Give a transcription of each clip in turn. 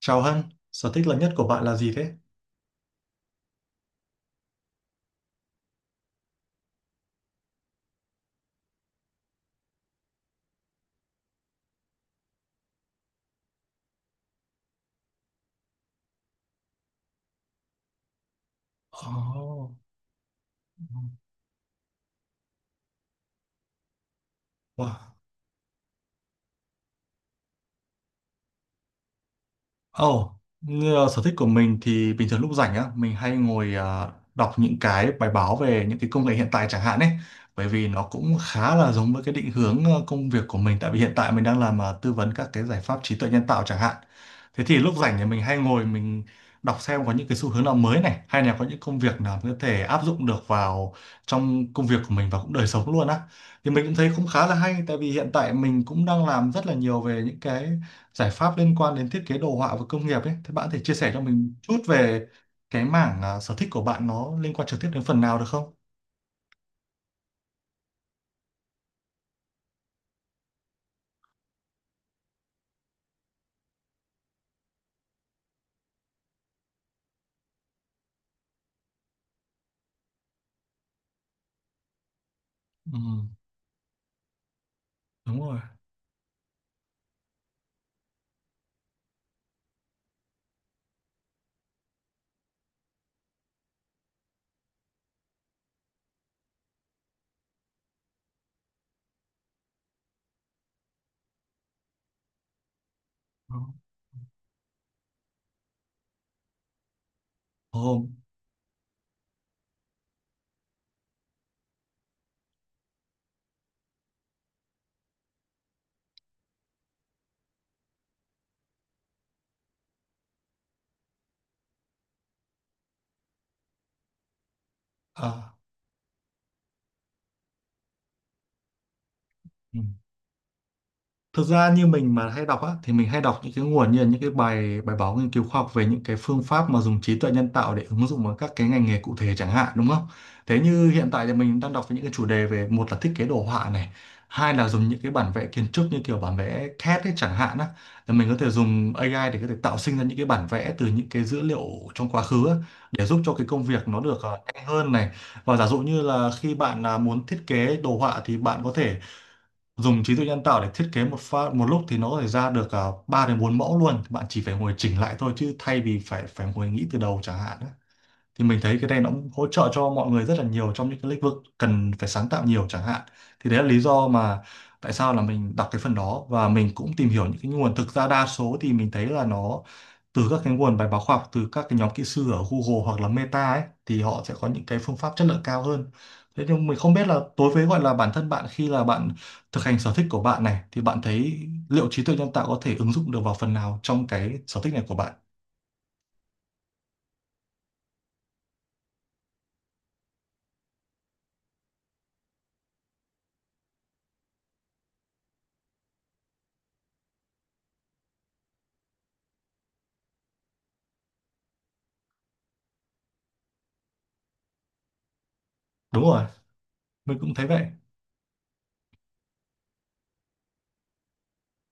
Chào Hân, sở thích lớn nhất của bạn là gì thế? Oh, wow. Ồ, như là sở thích của mình thì bình thường lúc rảnh á, mình hay ngồi đọc những cái bài báo về những cái công nghệ hiện tại chẳng hạn ấy. Bởi vì nó cũng khá là giống với cái định hướng công việc của mình tại vì hiện tại mình đang làm tư vấn các cái giải pháp trí tuệ nhân tạo chẳng hạn. Thế thì lúc rảnh thì mình hay ngồi mình đọc xem có những cái xu hướng nào mới này hay là có những công việc nào có thể áp dụng được vào trong công việc của mình và cũng đời sống luôn á. Thì mình cũng thấy cũng khá là hay tại vì hiện tại mình cũng đang làm rất là nhiều về những cái giải pháp liên quan đến thiết kế đồ họa và công nghiệp ấy thì bạn có thể chia sẻ cho mình chút về cái mảng sở thích của bạn nó liên quan trực tiếp đến phần nào được không? Ừ, đúng rồi. Đó. Ồ, à, ừ. Thực ra như mình mà hay đọc á, thì mình hay đọc những cái nguồn như là những cái bài bài báo nghiên cứu khoa học về những cái phương pháp mà dùng trí tuệ nhân tạo để ứng dụng vào các cái ngành nghề cụ thể chẳng hạn đúng không? Thế như hiện tại thì mình đang đọc về những cái chủ đề về một là thiết kế đồ họa này, hai là dùng những cái bản vẽ kiến trúc như kiểu bản vẽ CAD ấy chẳng hạn á, là mình có thể dùng AI để có thể tạo sinh ra những cái bản vẽ từ những cái dữ liệu trong quá khứ á, để giúp cho cái công việc nó được nhanh hơn này. Và giả dụ như là khi bạn muốn thiết kế đồ họa thì bạn có thể dùng trí tuệ nhân tạo để thiết kế một pha một lúc thì nó có thể ra được 3 đến 4 mẫu luôn bạn chỉ phải ngồi chỉnh lại thôi chứ thay vì phải phải ngồi nghĩ từ đầu chẳng hạn á. Thì mình thấy cái này nó cũng hỗ trợ cho mọi người rất là nhiều trong những cái lĩnh vực cần phải sáng tạo nhiều chẳng hạn thì đấy là lý do mà tại sao là mình đọc cái phần đó và mình cũng tìm hiểu những cái nguồn, thực ra đa số thì mình thấy là nó từ các cái nguồn bài báo khoa học từ các cái nhóm kỹ sư ở Google hoặc là Meta ấy thì họ sẽ có những cái phương pháp chất lượng cao hơn. Thế nhưng mình không biết là đối với gọi là bản thân bạn, khi là bạn thực hành sở thích của bạn này thì bạn thấy liệu trí tuệ nhân tạo có thể ứng dụng được vào phần nào trong cái sở thích này của bạn? Đúng rồi, mình cũng thấy vậy.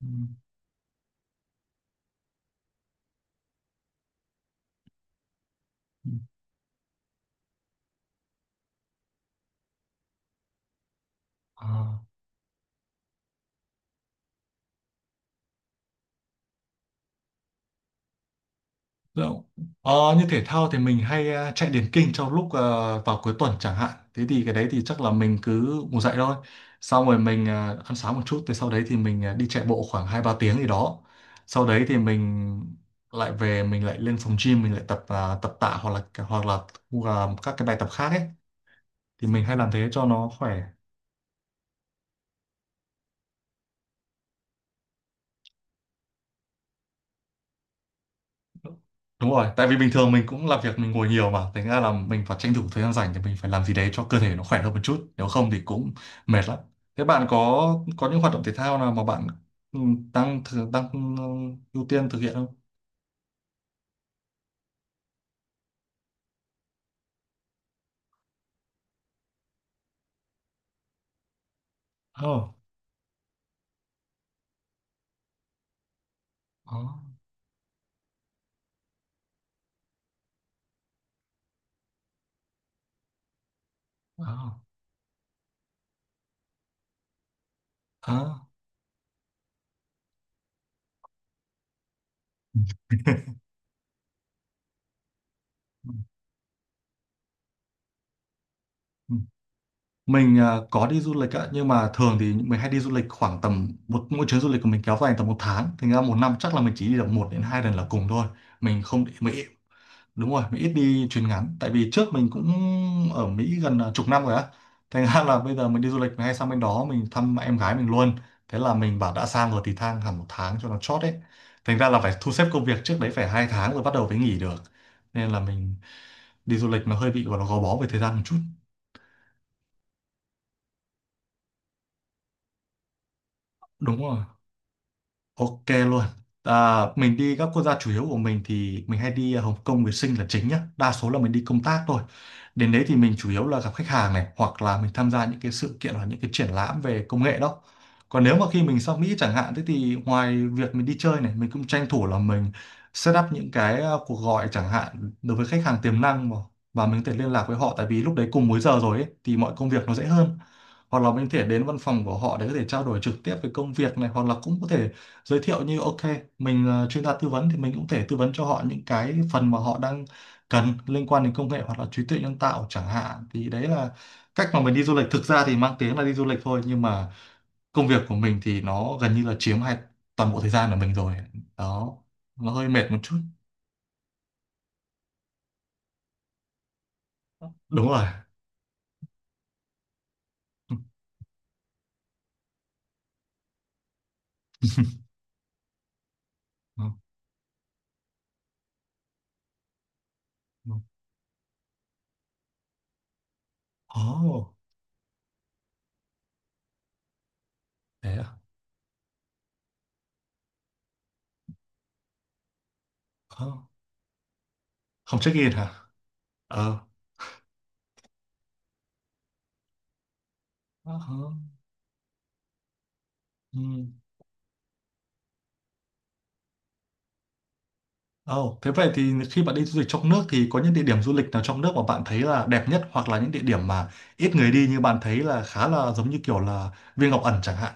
Ừ. Ừ. À. Đúng. Ờ, như thể thao thì mình hay chạy điền kinh trong lúc vào cuối tuần chẳng hạn. Thế thì cái đấy thì chắc là mình cứ ngủ dậy thôi. Xong rồi mình ăn sáng một chút, thì sau đấy thì mình đi chạy bộ khoảng hai ba tiếng gì đó. Sau đấy thì mình lại về, mình lại lên phòng gym mình lại tập tập tạ hoặc là hoặc là các cái bài tập khác ấy, thì mình hay làm thế cho nó khỏe. Đúng rồi, tại vì bình thường mình cũng làm việc mình ngồi nhiều mà, thành ra là mình phải tranh thủ thời gian rảnh thì mình phải làm gì đấy cho cơ thể nó khỏe hơn một chút, nếu không thì cũng mệt lắm. Thế bạn có những hoạt động thể thao nào mà bạn ừ, đang ừ, ưu tiên thực hiện không? Ồ, có. Có. À, ừ, ừ. Mình à, có đi du lịch ạ, nhưng mà thường thì mình hay đi du lịch khoảng tầm một, mỗi chuyến du lịch của mình kéo dài tầm một tháng, thành ra một năm chắc là mình chỉ đi được một đến hai lần là cùng thôi. Mình không đi Mỹ đúng rồi, mình ít đi chuyến ngắn tại vì trước mình cũng ở Mỹ gần chục năm rồi á, thành ra là bây giờ mình đi du lịch mình hay sang bên đó mình thăm em gái mình luôn. Thế là mình bảo đã sang rồi thì thang hẳn một tháng cho nó chót đấy, thành ra là phải thu xếp công việc trước đấy phải hai tháng rồi bắt đầu mới nghỉ được, nên là mình đi du lịch nó hơi bị gọi là gò bó về thời gian một chút. Đúng rồi. Ok luôn. À, mình đi các quốc gia chủ yếu của mình thì mình hay đi Hồng Kông với Sinh là chính nhá. Đa số là mình đi công tác thôi. Đến đấy thì mình chủ yếu là gặp khách hàng này hoặc là mình tham gia những cái sự kiện hoặc những cái triển lãm về công nghệ đó. Còn nếu mà khi mình sang Mỹ chẳng hạn thế thì ngoài việc mình đi chơi này mình cũng tranh thủ là mình set up những cái cuộc gọi chẳng hạn đối với khách hàng tiềm năng mà, và mình có thể liên lạc với họ tại vì lúc đấy cùng múi giờ rồi ấy, thì mọi công việc nó dễ hơn, hoặc là mình có thể đến văn phòng của họ để có thể trao đổi trực tiếp về công việc này hoặc là cũng có thể giới thiệu như ok, mình là chuyên gia tư vấn thì mình cũng thể tư vấn cho họ những cái phần mà họ đang cần liên quan đến công nghệ hoặc là trí tuệ nhân tạo chẳng hạn, thì đấy là cách mà mình đi du lịch. Thực ra thì mang tiếng là đi du lịch thôi nhưng mà công việc của mình thì nó gần như là chiếm hai toàn bộ thời gian của mình rồi. Đó, nó hơi mệt một chút. Đúng rồi. Ồ, thế à. Ờ. Không check in hả. Ờ. Ờ. Ừ. Ồ, thế vậy thì khi bạn đi du lịch trong nước thì có những địa điểm du lịch nào trong nước mà bạn thấy là đẹp nhất hoặc là những địa điểm mà ít người đi nhưng bạn thấy là khá là giống như kiểu là Viên Ngọc Ẩn chẳng hạn.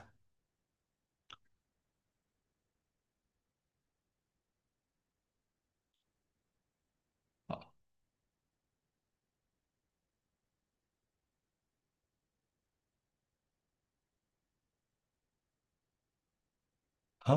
Ồ,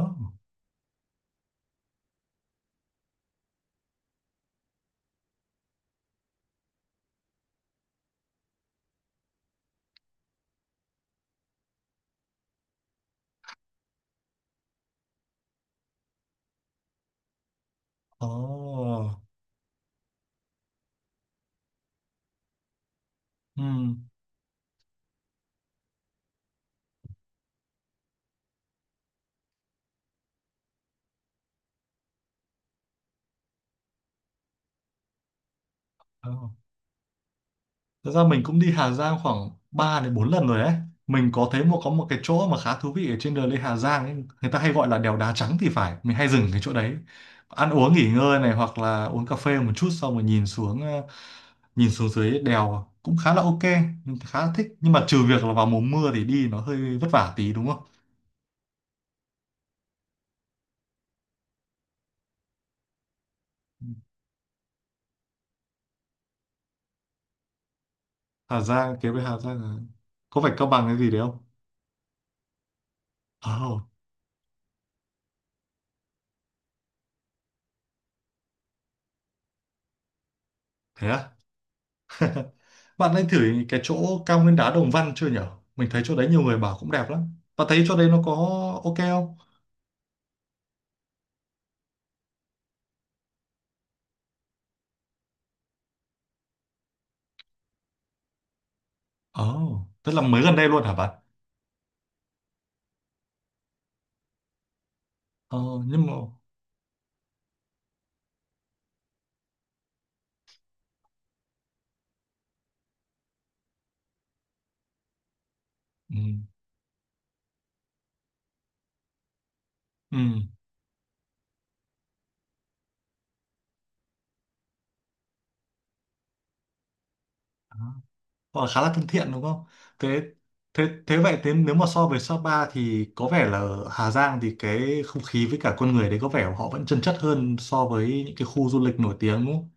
ồ, ừm, ồ. Thật ra mình cũng đi Hà Giang khoảng 3 đến 4 lần rồi đấy. Mình có thấy một, có một cái chỗ mà khá thú vị ở trên đường lên Hà Giang ấy. Người ta hay gọi là đèo đá trắng thì phải. Mình hay dừng cái chỗ đấy. Ăn uống nghỉ ngơi này hoặc là uống cà phê một chút xong rồi nhìn xuống nhìn xuống dưới đèo cũng khá là ok, mình khá là thích. Nhưng mà trừ việc là vào mùa mưa thì đi nó hơi vất vả tí đúng không? Hà Giang kế với Hà Giang là- Có phải Cao Bằng cái gì đấy không? Ồ, thế à? Bạn nên thử cái chỗ cao nguyên đá Đồng Văn chưa nhở? Mình thấy chỗ đấy nhiều người bảo cũng đẹp lắm. Bạn thấy chỗ đấy nó có ok không? Ồ, tức là mới gần đây luôn hả bạn? Ờ, nhưng mà... Ừ, ừ. Họ khá là thân thiện đúng không? Thế thế thế vậy, thế nếu mà so với Sapa thì có vẻ là ở Hà Giang thì cái không khí với cả con người đấy có vẻ họ vẫn chân chất hơn so với những cái khu du lịch nổi tiếng đúng không?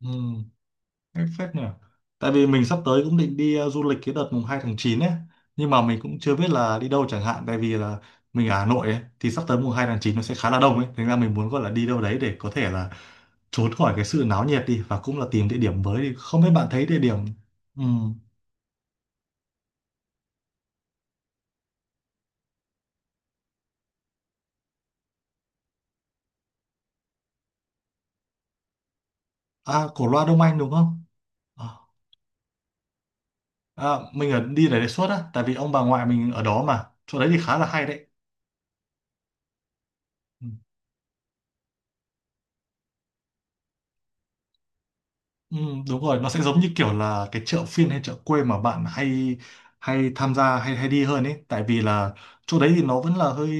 Ừ. Hay phết nhỉ. Tại vì mình sắp tới cũng định đi du lịch cái đợt mùng 2 tháng 9 ấy, nhưng mà mình cũng chưa biết là đi đâu chẳng hạn tại vì là mình ở Hà Nội ấy thì sắp tới mùng 2 tháng 9 nó sẽ khá là đông ấy, thế nên là mình muốn gọi là đi đâu đấy để có thể là trốn khỏi cái sự náo nhiệt đi và cũng là tìm địa điểm mới đi. Không biết bạn thấy địa điểm ừ. À Cổ Loa Đông Anh đúng không? À, à, mình ở đi để đề xuất á, tại vì ông bà ngoại mình ở đó mà. Chỗ đấy thì khá là hay đấy. Ừ. Ừ, đúng rồi, nó sẽ giống như kiểu là cái chợ phiên hay chợ quê mà bạn hay hay tham gia hay hay đi hơn ấy, tại vì là chỗ đấy thì nó vẫn là hơi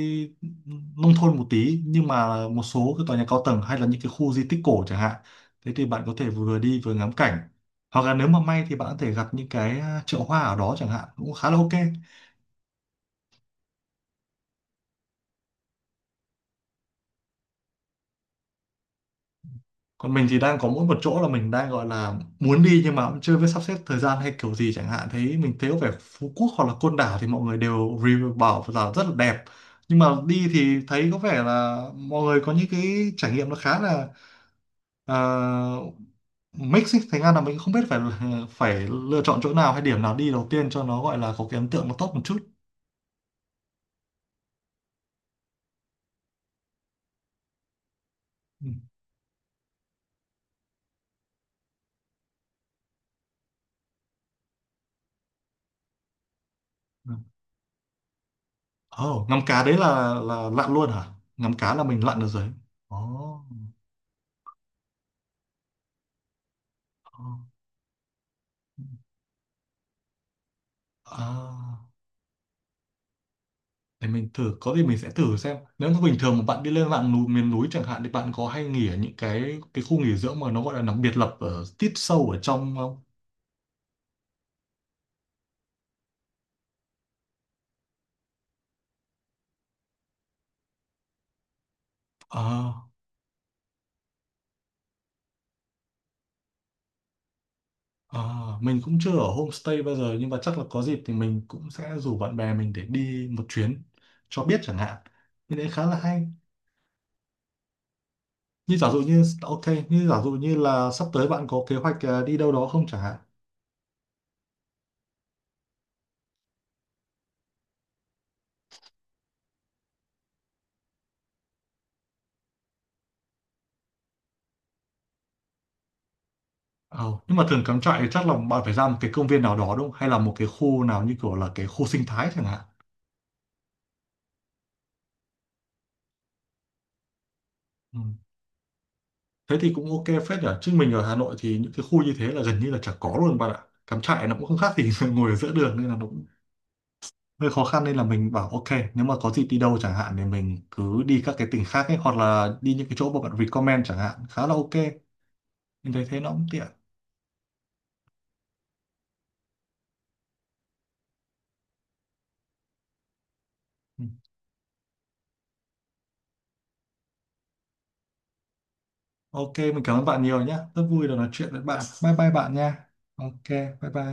nông thôn một tí nhưng mà một số cái tòa nhà cao tầng hay là những cái khu di tích cổ chẳng hạn, thế thì bạn có thể vừa đi vừa ngắm cảnh hoặc là nếu mà may thì bạn có thể gặp những cái chợ hoa ở đó chẳng hạn cũng khá là ok. Còn mình thì đang có mỗi một chỗ là mình đang gọi là muốn đi nhưng mà cũng chưa biết sắp xếp thời gian hay kiểu gì chẳng hạn, thấy mình thấy có vẻ Phú Quốc hoặc là Côn Đảo thì mọi người đều review bảo là rất là đẹp nhưng mà đi thì thấy có vẻ là mọi người có những cái trải nghiệm nó khá là uh, mix ấy, thành ra là mình không biết phải phải lựa chọn chỗ nào hay điểm nào đi đầu tiên cho nó gọi là có cái ấn tượng nó tốt một chút. Ừ. Ồ, ngắm cá đấy là lặn luôn hả? Ngắm cá là mình lặn được rồi. Ồ. Ồ. À, để mình thử, có gì mình sẽ thử xem. Nếu mà bình thường mà bạn đi lên mạng núi, miền núi chẳng hạn thì bạn có hay nghỉ ở những cái khu nghỉ dưỡng mà nó gọi là nó biệt lập ở tít sâu ở trong không? À, à, mình cũng chưa ở homestay bao giờ nhưng mà chắc là có dịp thì mình cũng sẽ rủ bạn bè mình để đi một chuyến cho biết chẳng hạn. Thì đấy khá là hay. Như giả dụ như ok, như giả dụ như là sắp tới bạn có kế hoạch đi đâu đó không chẳng hạn? Ờ, nhưng mà thường cắm trại thì chắc là bạn phải ra một cái công viên nào đó đúng không? Hay là một cái khu nào như kiểu là cái khu sinh thái chẳng hạn. Ừ. Thế thì cũng ok phết nhỉ. Chứ mình ở Hà Nội thì những cái khu như thế là gần như là chả có luôn bạn ạ. Cắm trại nó cũng không khác gì ngồi ở giữa đường nên là nó cũng hơi khó khăn nên là mình bảo ok, nếu mà có dịp đi đâu chẳng hạn thì mình cứ đi các cái tỉnh khác ấy hoặc là đi những cái chỗ mà bạn recommend chẳng hạn khá là ok. Mình thấy thế nó cũng tiện. Ừ. Ok, mình cảm ơn bạn nhiều nhé. Rất vui được nói chuyện với bạn. Bye bye bạn nha. Ok, bye bye.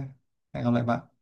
Hẹn gặp lại bạn.